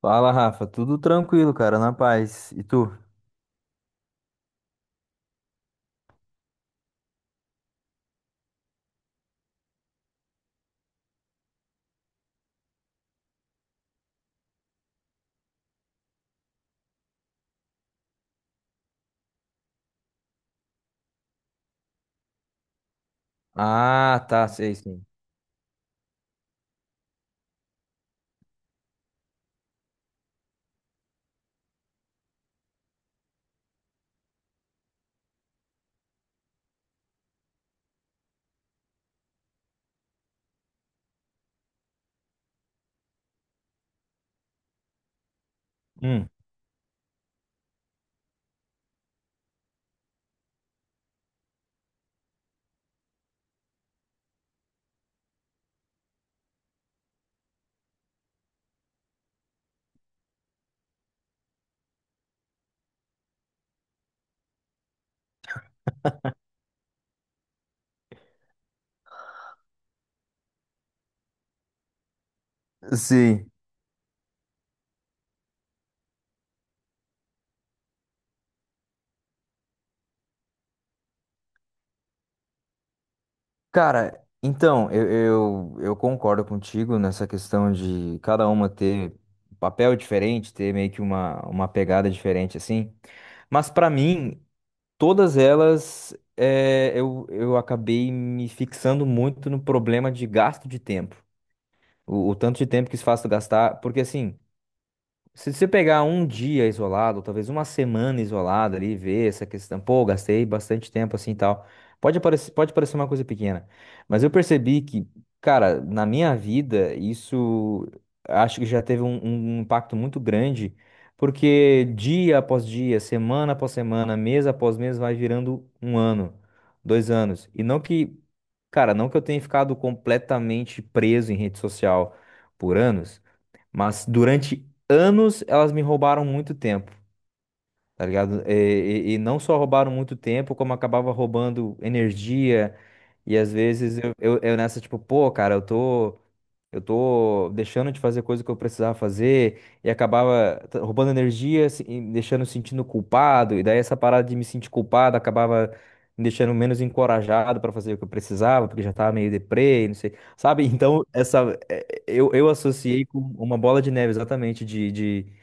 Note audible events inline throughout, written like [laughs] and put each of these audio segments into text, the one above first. Fala, Rafa. Tudo tranquilo, cara, na paz. E tu? Ah, tá, sei, sim. Hum. Sim. Cara, então, eu concordo contigo nessa questão de cada uma ter um papel diferente, ter meio que uma pegada diferente, assim. Mas pra mim, todas elas, é, eu acabei me fixando muito no problema de gasto de tempo. O tanto de tempo que isso faz tu gastar, porque assim. Se você pegar um dia isolado, ou talvez uma semana isolada ali, e ver essa questão, pô, gastei bastante tempo assim e tal. Pode parecer uma coisa pequena, mas eu percebi que, cara, na minha vida, isso acho que já teve um impacto muito grande, porque dia após dia, semana após semana, mês após mês, vai virando um ano, dois anos. E não que, cara, não que eu tenha ficado completamente preso em rede social por anos. Mas durante anos elas me roubaram muito tempo, tá ligado? E não só roubaram muito tempo, como acabava roubando energia. E às vezes eu, eu nessa, tipo, pô, cara, eu tô deixando de fazer coisa que eu precisava fazer, e acabava roubando energia, e me deixando sentindo culpado, e daí essa parada de me sentir culpado acabava me deixando menos encorajado pra fazer o que eu precisava, porque já tava meio deprê, não sei, sabe? [laughs] Então, eu associei com uma bola de neve, exatamente, de, de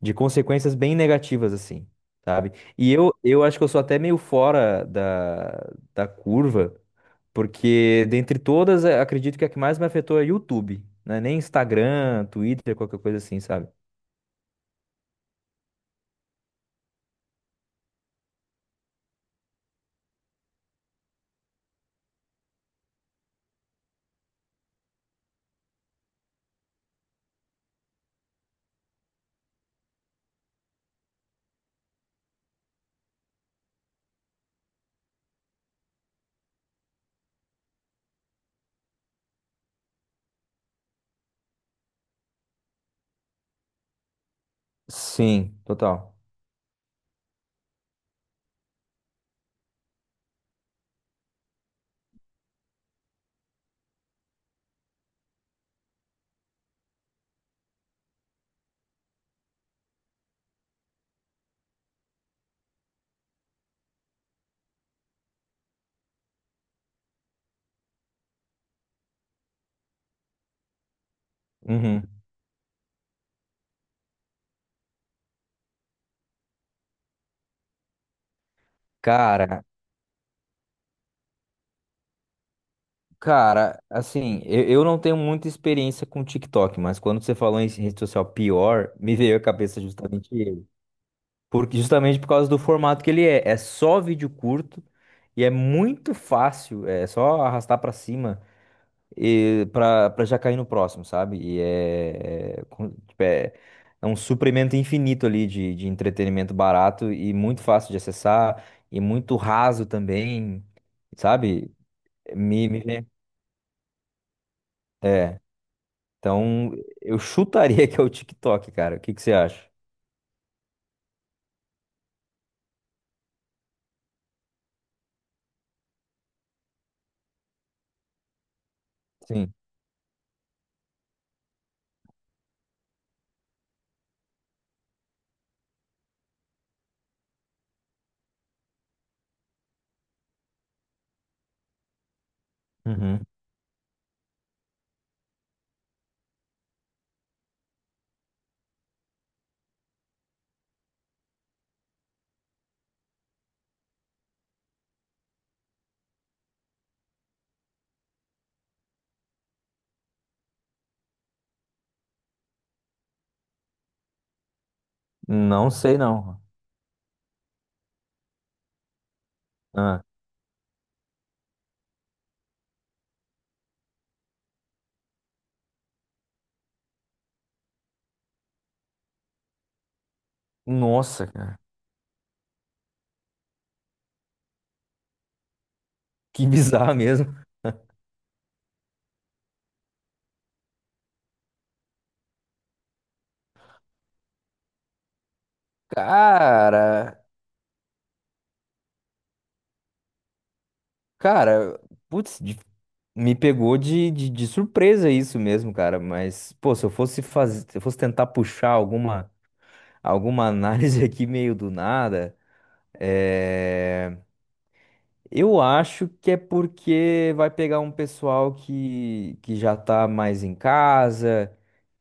de consequências bem negativas, assim, sabe? E eu, acho que eu sou até meio fora da curva, porque dentre todas, acredito que a que mais me afetou é YouTube, né? Nem Instagram, Twitter, qualquer coisa assim, sabe? Sim, total. Uhum. Cara, cara, assim, eu não tenho muita experiência com TikTok, mas quando você falou em rede social pior, me veio à cabeça justamente ele. Porque, justamente por causa do formato que ele é. É só vídeo curto e é muito fácil. É só arrastar pra cima e pra, pra já cair no próximo, sabe? E é um suprimento infinito ali de entretenimento barato e muito fácil de acessar e muito raso também, sabe? Me, me vem- É. Então, eu chutaria [laughs] que é o TikTok, cara. O que que você acha? Sim. Uhum. Não sei, não. Ah. Nossa, cara. Que [laughs] bizarro mesmo. Cara, cara, putz, me pegou de surpresa isso mesmo, cara. Mas, pô, se eu fosse fazer, se eu fosse tentar puxar alguma, alguma análise [laughs] aqui meio do nada, é, eu acho que é porque vai pegar um pessoal que já tá mais em casa,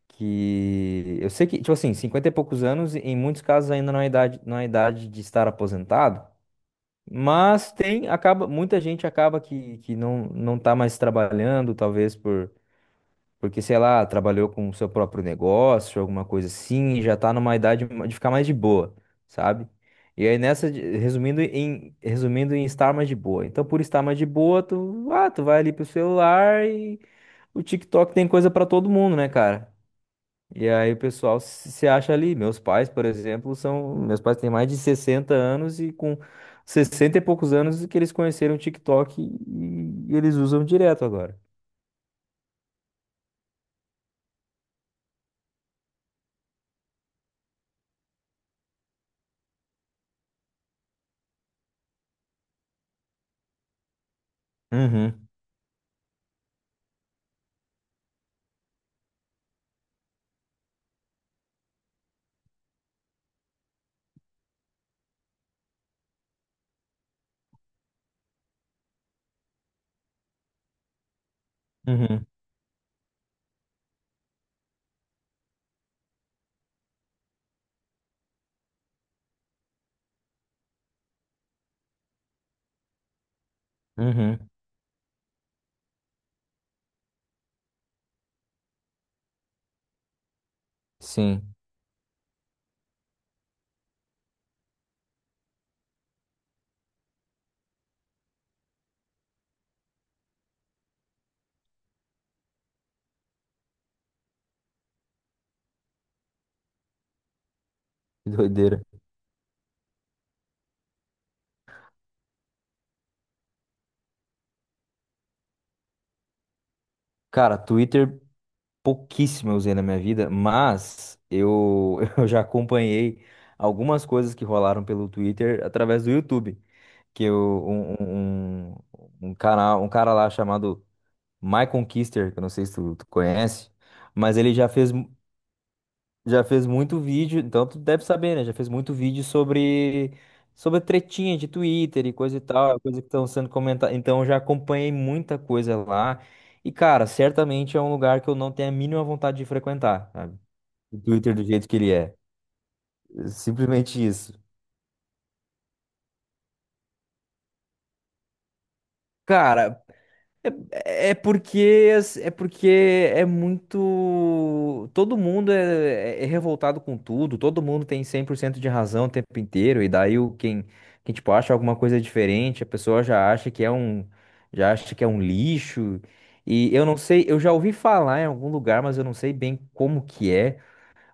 que eu sei que, tipo assim, 50 e poucos anos, em muitos casos ainda não é idade de estar aposentado. Mas tem, acaba, muita gente acaba que, que não tá mais trabalhando, talvez por, porque, sei lá, trabalhou com o seu próprio negócio, alguma coisa assim, e já tá numa idade de ficar mais de boa, sabe? E aí nessa, resumindo em estar mais de boa. Então, por estar mais de boa, tu, ah, tu vai ali pro celular e o TikTok tem coisa pra todo mundo, né, cara? E aí o pessoal se acha ali. Meus pais, por exemplo, são. Meus pais têm mais de 60 anos e com 60 e poucos anos que eles conheceram o TikTok e eles usam direto agora. Uhum, uhum, uhum. Sim, que doideira. Cara, Twitter pouquíssimo eu usei na minha vida, mas eu, [laughs] eu já acompanhei algumas coisas que rolaram pelo Twitter através do YouTube, que eu, um, um canal, um cara lá chamado Michael Kister, que eu não sei se tu, tu conhece, mas ele já fez muito vídeo, então tu deve saber, né? Já fez muito vídeo sobre, sobre tretinha de Twitter e coisa e tal, coisa que estão sendo comentada. Então eu já acompanhei muita coisa lá. E, cara, certamente é um lugar que eu não tenho a mínima vontade de frequentar, sabe? O Twitter do jeito que ele é. É simplesmente isso. Cara, é porque é muito. Todo mundo é revoltado com tudo, todo mundo tem 100% de razão o tempo inteiro, e daí o, quem tipo, acha alguma coisa diferente, a pessoa já acha que é um lixo. E eu não sei, eu já ouvi falar em algum lugar, mas eu não sei bem como que é.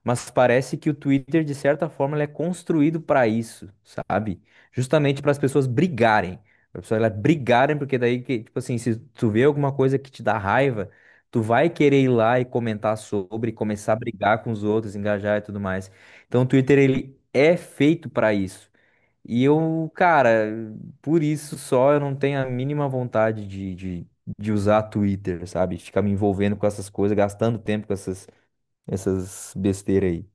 Mas parece que o Twitter, de certa forma, ele é construído para isso, sabe? Justamente para as pessoas brigarem. Para as pessoas elas brigarem, porque daí, que, tipo assim, se tu vê alguma coisa que te dá raiva, tu vai querer ir lá e comentar sobre, começar a brigar com os outros, engajar e tudo mais. Então, o Twitter, ele é feito para isso. E eu, cara, por isso só eu não tenho a mínima vontade de usar Twitter, sabe? Ficar me envolvendo com essas coisas, gastando tempo com essas, essas besteiras aí.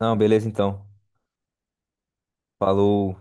Não, beleza então. Falou.